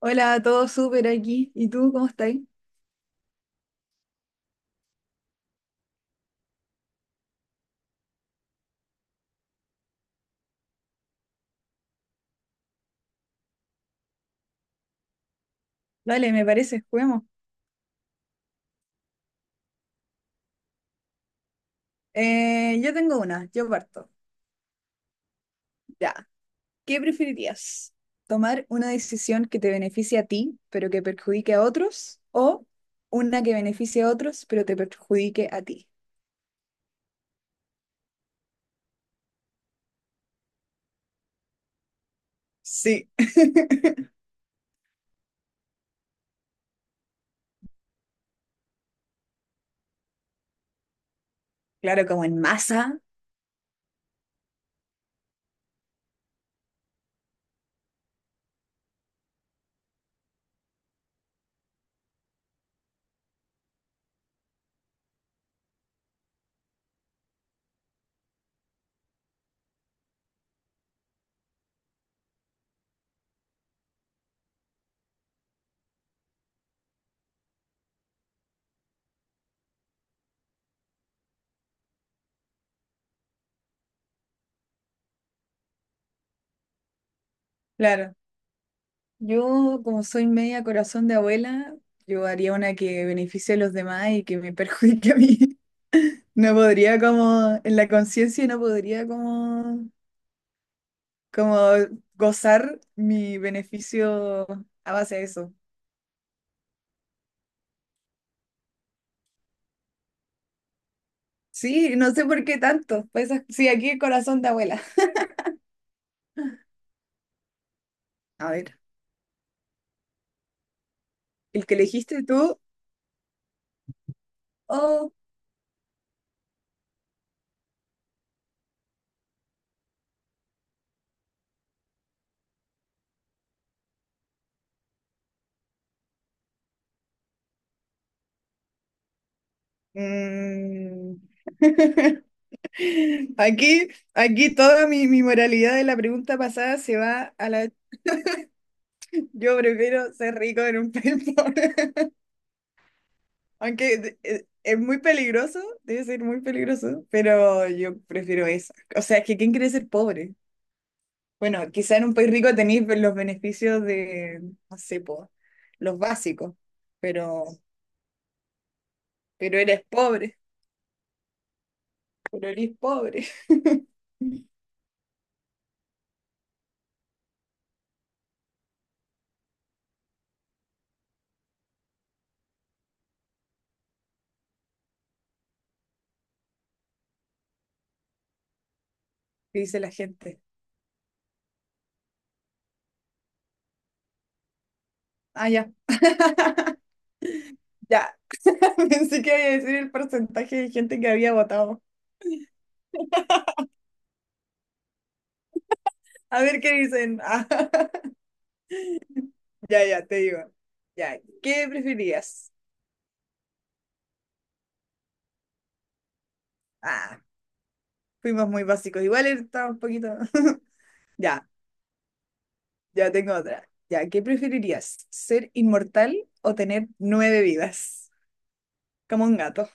Hola, todo súper aquí. ¿Y tú cómo estás? Dale, me parece, juguemos. Yo tengo una, yo parto. Ya. ¿Qué preferirías? ¿Tomar una decisión que te beneficie a ti, pero que perjudique a otros? ¿O una que beneficie a otros, pero te perjudique a ti? Sí. Claro, como en masa. Claro. Yo, como soy media corazón de abuela, yo haría una que beneficie a los demás y que me perjudique a mí. No podría como, en la conciencia no podría como gozar mi beneficio a base de eso. Sí, no sé por qué tanto. Pues, sí, aquí el corazón de abuela. A ver, el que elegiste tú, oh, mm. Aquí, aquí toda mi moralidad de la pregunta pasada se va a la... Yo prefiero ser rico en un pelpón. Es muy peligroso, debe ser muy peligroso, pero yo prefiero esa. O sea, es que ¿quién quiere ser pobre? Bueno, quizá en un país rico tenéis los beneficios de, no sé, po, los básicos, pero, pero eres pobre, pero eres pobre, que dice la gente. Ah, ya, ya. Pensé que iba a decir el porcentaje de gente que había votado. A ver qué dicen. Ah, ya, ya, te digo. Ya, ¿qué preferías? Ah, fuimos muy básicos. Igual estaba un poquito. Ya, ya, tengo otra. Ya, ¿qué preferirías? ¿Ser inmortal o tener 9 vidas? Como un gato.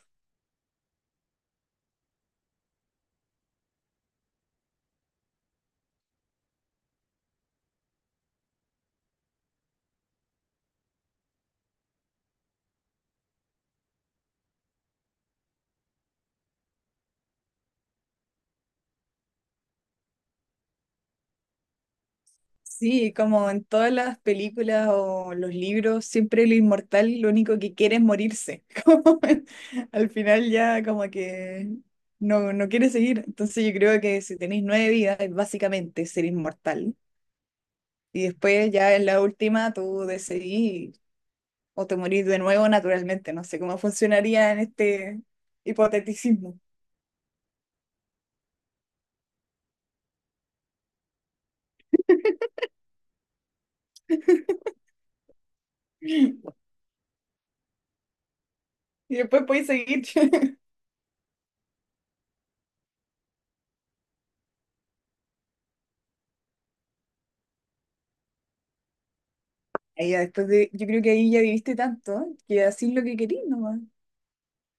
Sí, como en todas las películas o los libros, siempre el inmortal lo único que quiere es morirse. Como al final ya como que no, no quiere seguir. Entonces yo creo que si tenéis 9 vidas es básicamente ser inmortal. Y después ya en la última tú decidís o te morís de nuevo naturalmente. No sé cómo funcionaría en este hipoteticismo. Y después podéis seguir. Ahí ya después de, yo creo que ahí ya viviste tanto que así es lo que querís nomás.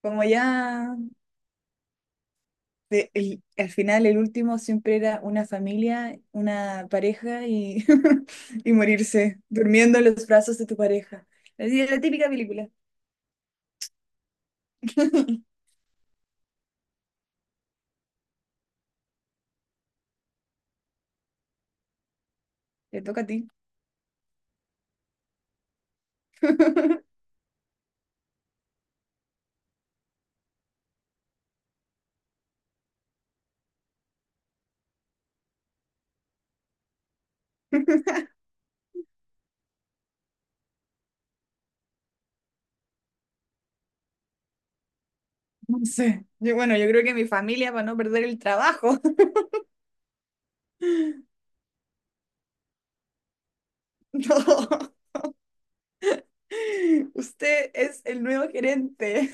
Como ya de- el- al final el último siempre era una familia, una pareja y, y morirse durmiendo en los brazos de tu pareja. Así es la típica película. Te toca a ti. No sé. Yo, bueno, yo creo que mi familia para no perder el trabajo. No. Usted es el nuevo gerente.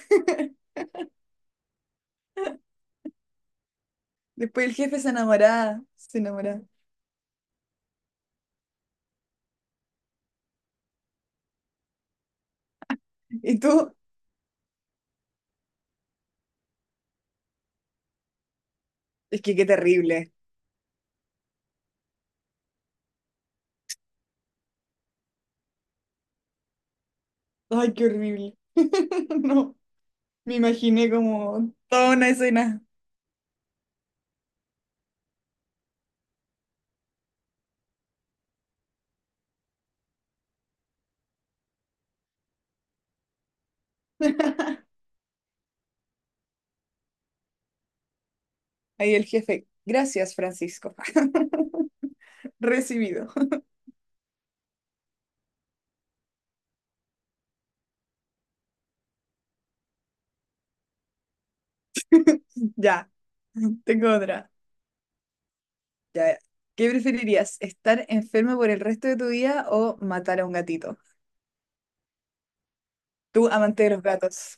Después el jefe se enamoraba, se enamoraba. ¿Y tú? Es que qué terrible. Ay, qué horrible. No. Me imaginé como toda una escena. Ahí el jefe. Gracias, Francisco. Recibido. Ya, tengo otra. Ya. ¿Qué preferirías? ¿Estar enfermo por el resto de tu vida o matar a un gatito? Tú, amante de los gatos.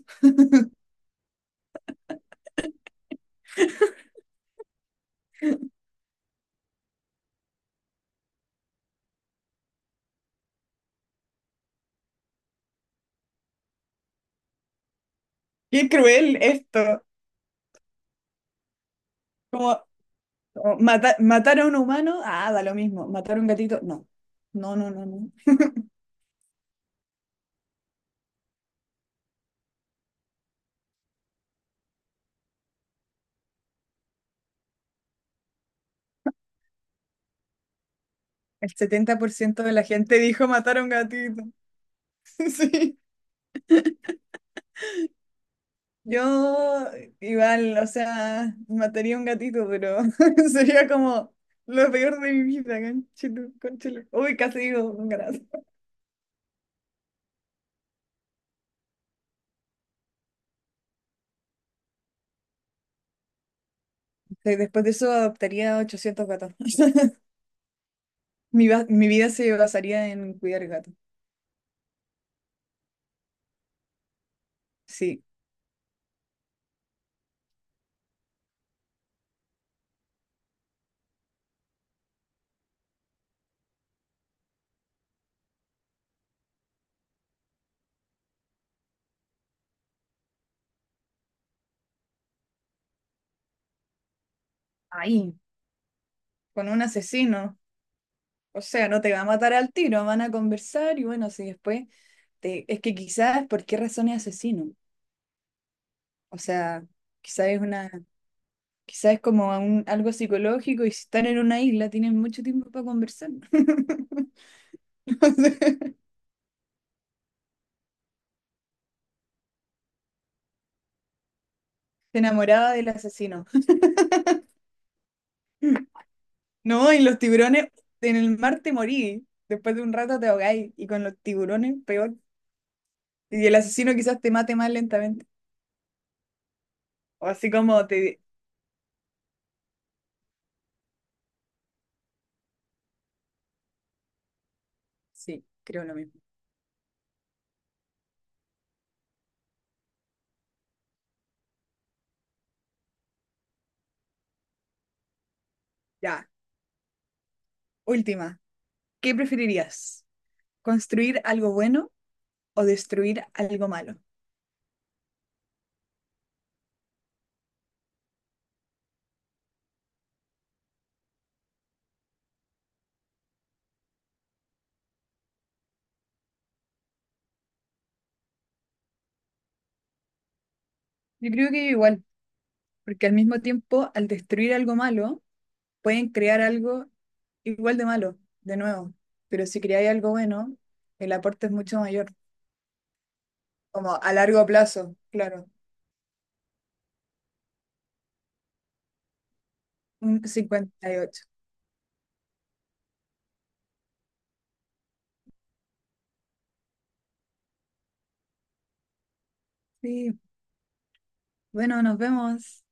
Qué cruel esto. Como, Matar a un humano, ah, da lo mismo. Matar a un gatito, no. No, no, no, no. El 70% de la gente dijo matar a un gatito. Sí. Yo igual, o sea, mataría un gatito, pero sería como lo peor de mi vida, conchito, conchito. Uy, casi digo un gato. Después de eso adoptaría 800 gatos. Mi vida se basaría en cuidar gatos. Sí. Ahí, con un asesino. O sea, no te va a matar al tiro, van a conversar y bueno, si después te... Es que quizás, ¿por qué razón es asesino? O sea, quizás es una... Quizás es algo psicológico y si están en una isla tienen mucho tiempo para conversar. No sé. Se enamoraba del asesino. No, y los tiburones, en el mar te morí. Después de un rato te ahogáis. Y con los tiburones, peor. Y el asesino quizás te mate más lentamente. O así como te... Sí, creo lo mismo. Ya, última. ¿Qué preferirías? ¿Construir algo bueno o destruir algo malo? Yo creo que igual, porque al mismo tiempo, al destruir algo malo, pueden crear algo igual de malo, de nuevo. Pero si creáis algo bueno, el aporte es mucho mayor, como a largo plazo, claro. Un 58. Sí, bueno, nos vemos.